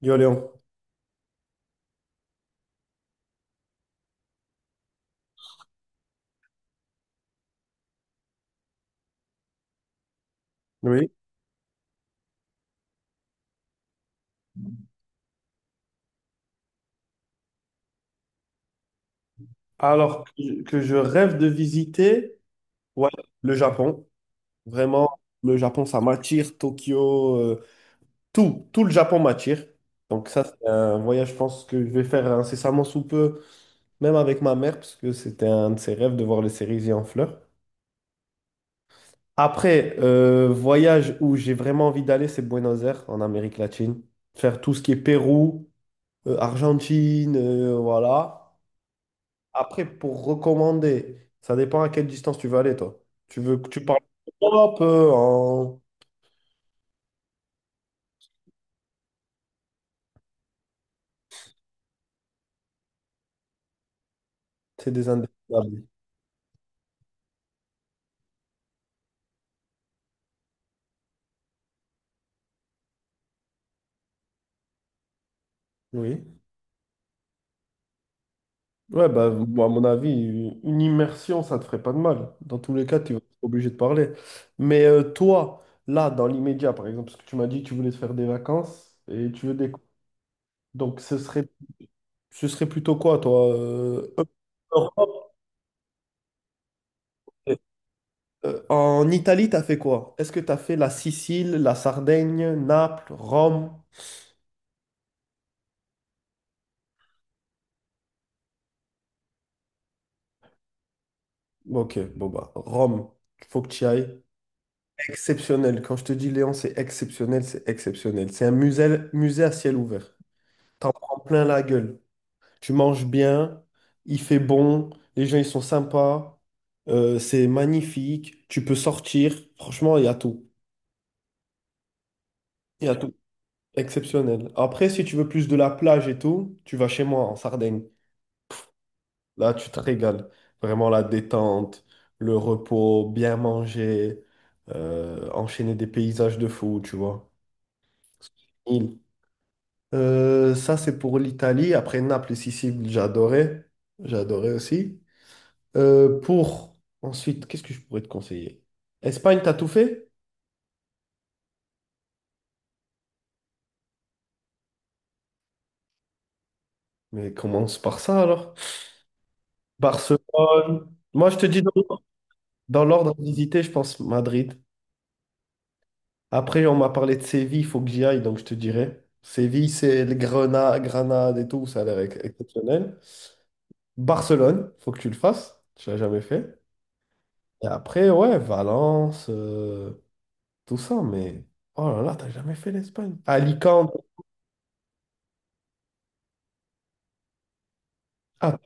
Yo Léon. Oui. Alors que je rêve de visiter, ouais, le Japon. Vraiment, le Japon, ça m'attire. Tokyo, tout, tout le Japon m'attire. Donc ça, c'est un voyage, je pense que je vais faire incessamment sous peu, même avec ma mère, parce que c'était un de ses rêves de voir les cerisiers en fleurs. Après, voyage où j'ai vraiment envie d'aller, c'est Buenos Aires, en Amérique latine. Faire tout ce qui est Pérou, Argentine, voilà. Après, pour recommander, ça dépend à quelle distance tu veux aller, toi. Tu veux que tu parles un peu en... C'est des indépendables. Oui. Ouais, bah, moi, à mon avis, une immersion, ça te ferait pas de mal. Dans tous les cas, tu vas être obligé de parler. Mais toi, là, dans l'immédiat, par exemple, parce que tu m'as dit que tu voulais te faire des vacances et tu veux des... Donc, ce serait plutôt quoi, toi? Europe. En Italie, t'as fait quoi? Est-ce que t'as fait la Sicile, la Sardaigne, Naples, Rome? Ok, bon bah, Rome, faut que tu y ailles. Exceptionnel. Quand je te dis Léon, c'est exceptionnel, c'est exceptionnel. C'est un musée, musée à ciel ouvert. T'en prends plein la gueule. Tu manges bien, il fait bon, les gens ils sont sympas, c'est magnifique, tu peux sortir. Franchement, il y a tout. Il y a tout. Exceptionnel. Après, si tu veux plus de la plage et tout, tu vas chez moi en Sardaigne. Là, tu te régales. Vraiment la détente, le repos, bien manger, enchaîner des paysages de fou, tu vois. Il- Ça, c'est pour l'Italie. Après Naples et Sicile, j'adorais. J'adorais aussi. Pour ensuite, qu'est-ce que je pourrais te conseiller? Espagne, t'as tout fait? Mais commence par ça alors. Barcelone. Moi, je te dis dans l'ordre à visiter, je pense Madrid. Après, on m'a parlé de Séville, il faut que j'y aille, donc je te dirai. Séville, c'est le Grenade, Grenade et tout, ça a l'air exceptionnel. Barcelone, faut que tu le fasses, tu l'as jamais fait. Et après, ouais, Valence, tout ça, mais oh là là, t'as jamais fait l'Espagne. Alicante, ah,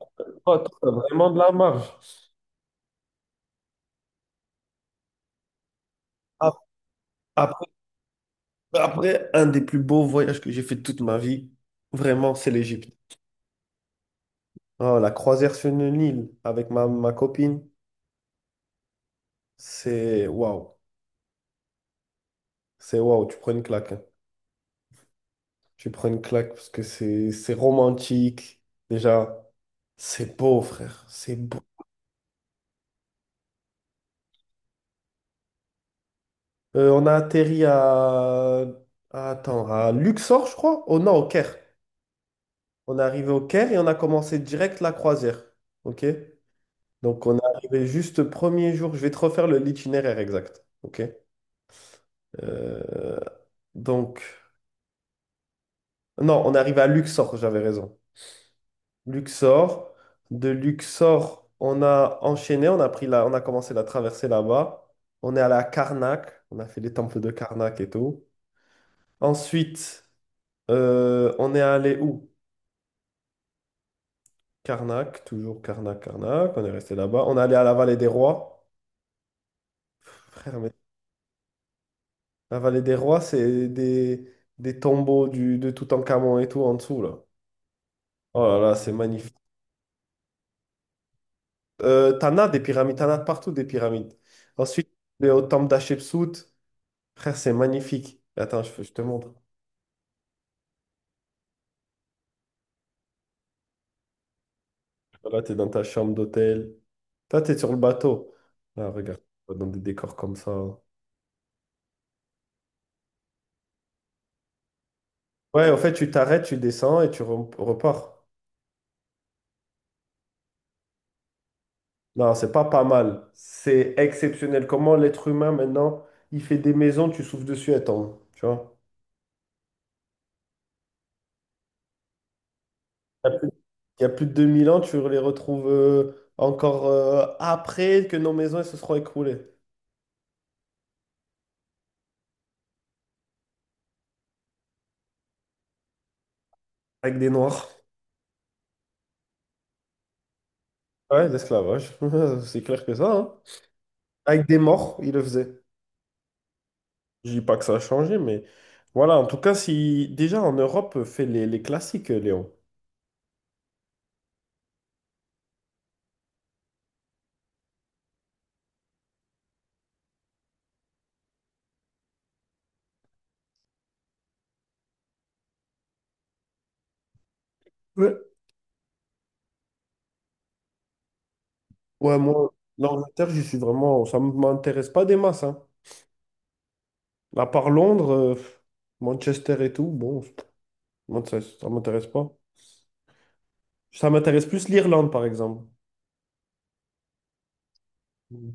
t'as vraiment de la marge. Ap- Après, après, un des plus beaux voyages que j'ai fait de toute ma vie, vraiment, c'est l'Égypte. Oh, la croisière sur le Nil avec ma copine, c'est waouh, c'est waouh, tu prends une claque, hein. Tu prends une claque parce que c'est romantique. Déjà, c'est beau, frère. C'est beau. On a atterri Attends, à Luxor, je crois? Oh non, au Caire. On est arrivé au Caire et on a commencé direct la croisière. OK? Donc, on est arrivé juste le premier jour. Je vais te refaire l'itinéraire exact. OK? Euh, Donc, non, on est arrivé à Luxor, j'avais raison. Luxor. De Luxor, on a enchaîné, on a pris on a commencé la traversée là-bas. On est allé à Karnak, on a fait les temples de Karnak et tout. Ensuite, on est allé où? Karnak, toujours Karnak, Karnak. On est resté là-bas. On est allé à la vallée des rois. Frère, mais la vallée des rois, des tombeaux de Toutankhamon et tout en dessous, là. Oh là là, c'est magnifique. T'en as des pyramides, t'en as partout des pyramides. Ensuite, on est au temple d'Hatchepsout. Frère, c'est magnifique. Attends, je te montre. Là, tu es dans ta chambre d'hôtel. Toi, tu es sur le bateau. Là, regarde, dans des décors comme ça. Ouais, en fait, tu t'arrêtes, tu descends et tu repars. Non, c'est pas pas mal. C'est exceptionnel. Comment l'être humain, maintenant, il fait des maisons, tu souffles dessus, attends. Tu vois? Il y a plus, il y a plus de 2000 ans, tu les retrouves encore après que nos maisons elles se seront écroulées. Avec des noirs. Ouais, l'esclavage. C'est clair que ça, hein. Avec des morts, ils le faisaient. Je dis pas que ça a changé, mais voilà, en tout cas, si déjà en Europe, fait les classiques, Léon. Ouais. Ouais, moi, l'Angleterre, je suis vraiment, ça ne m'intéresse pas des masses, hein. À part Londres, Manchester et tout, bon, moi, ça m'intéresse pas. Ça m'intéresse plus l'Irlande, par exemple,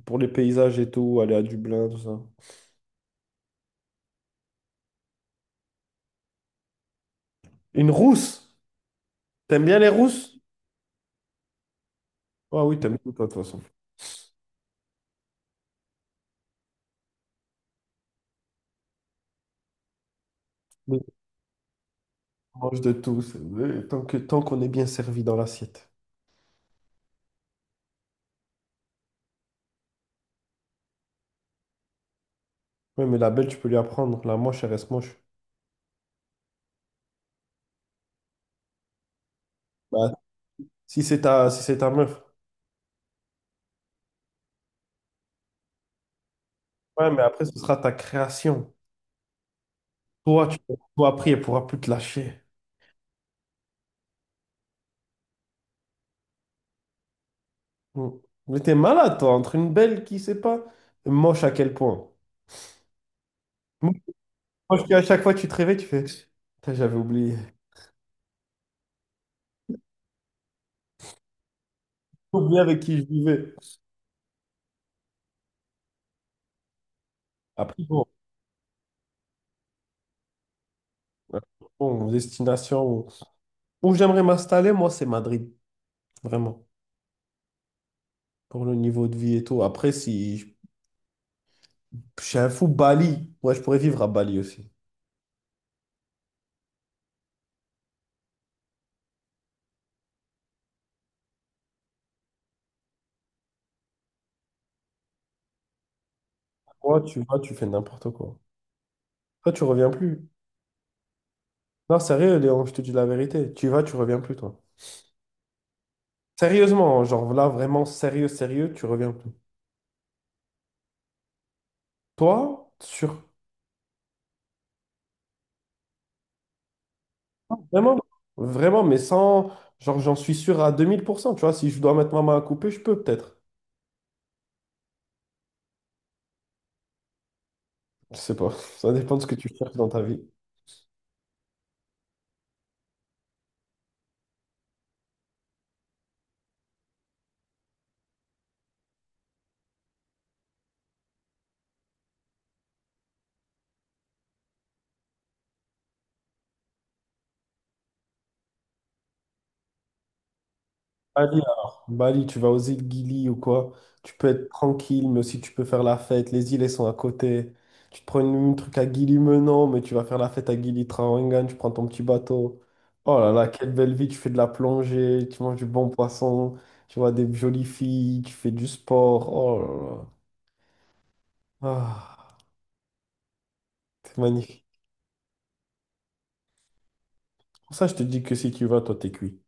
pour les paysages et tout, aller à Dublin, tout ça. Une rousse! T'aimes bien les rousses? Ah oui, t'aimes tout, toi, de toute façon. Mais on mange de tout, c'est- tant que, tant qu'on est bien servi dans l'assiette. Ouais, mais la belle, tu peux lui apprendre. La moche, elle reste moche. Bah, si c'est ta meuf. Ouais, mais après, ce sera ta création. Toi, tu toi, après, elle pourra plus te lâcher. Mm. Mais t'es malade, toi, entre une belle qui sait pas, et moche à quel point. Moi, moi, je dis à chaque fois que tu te réveilles, tu fais, putain, j'avais oublié. J'ai oublié avec qui je vivais. Après, bon, hein, bon, destination. Où j'aimerais m'installer, moi, c'est Madrid. Vraiment. Pour le niveau de vie et tout. Après, si je je suis un fou, Bali. Ouais, je pourrais vivre à Bali aussi. Moi, tu vas, tu fais n'importe quoi. Toi, tu reviens plus. Non, sérieux, Léon, je te dis la vérité. Tu vas, tu reviens plus, toi. Sérieusement, genre là, vraiment sérieux, sérieux, tu reviens plus. Toi, sur... Vraiment, vraiment, mais sans... Genre, j'en suis sûr à 2000%, tu vois. Si je dois mettre ma main à couper, je peux peut-être. Je sais pas. Ça dépend de ce que tu cherches dans ta vie. Bali, alors. Bali, tu vas aux îles Gili ou quoi, tu peux être tranquille, mais aussi tu peux faire la fête. Les îles, elles sont à côté. Tu te prends un truc à Gili Menon, mais tu vas faire la fête à Gili Trawangan, tu prends ton petit bateau. Oh là là, quelle belle vie, tu fais de la plongée, tu manges du bon poisson, tu vois des jolies filles, tu fais du sport. Oh là là. Ah, c'est magnifique. Pour ça, je te dis que si tu vas, toi, t'es cuit.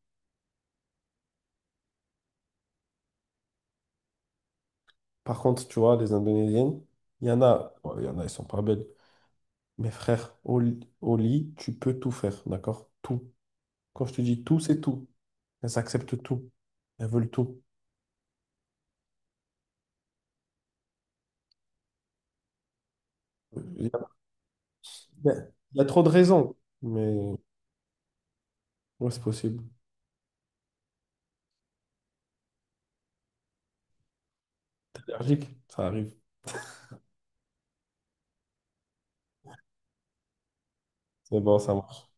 Par contre, tu vois, les Indonésiennes, il y en a, elles sont pas belles. Mais frère, au lit, tu peux tout faire, d'accord? Tout. Quand je te dis tout, c'est tout. Elles acceptent tout. Elles veulent tout. Il y a, il y a trop de raisons, mais ouais, c'est possible. T'es allergique, ça arrive. C'est bon, ça marche.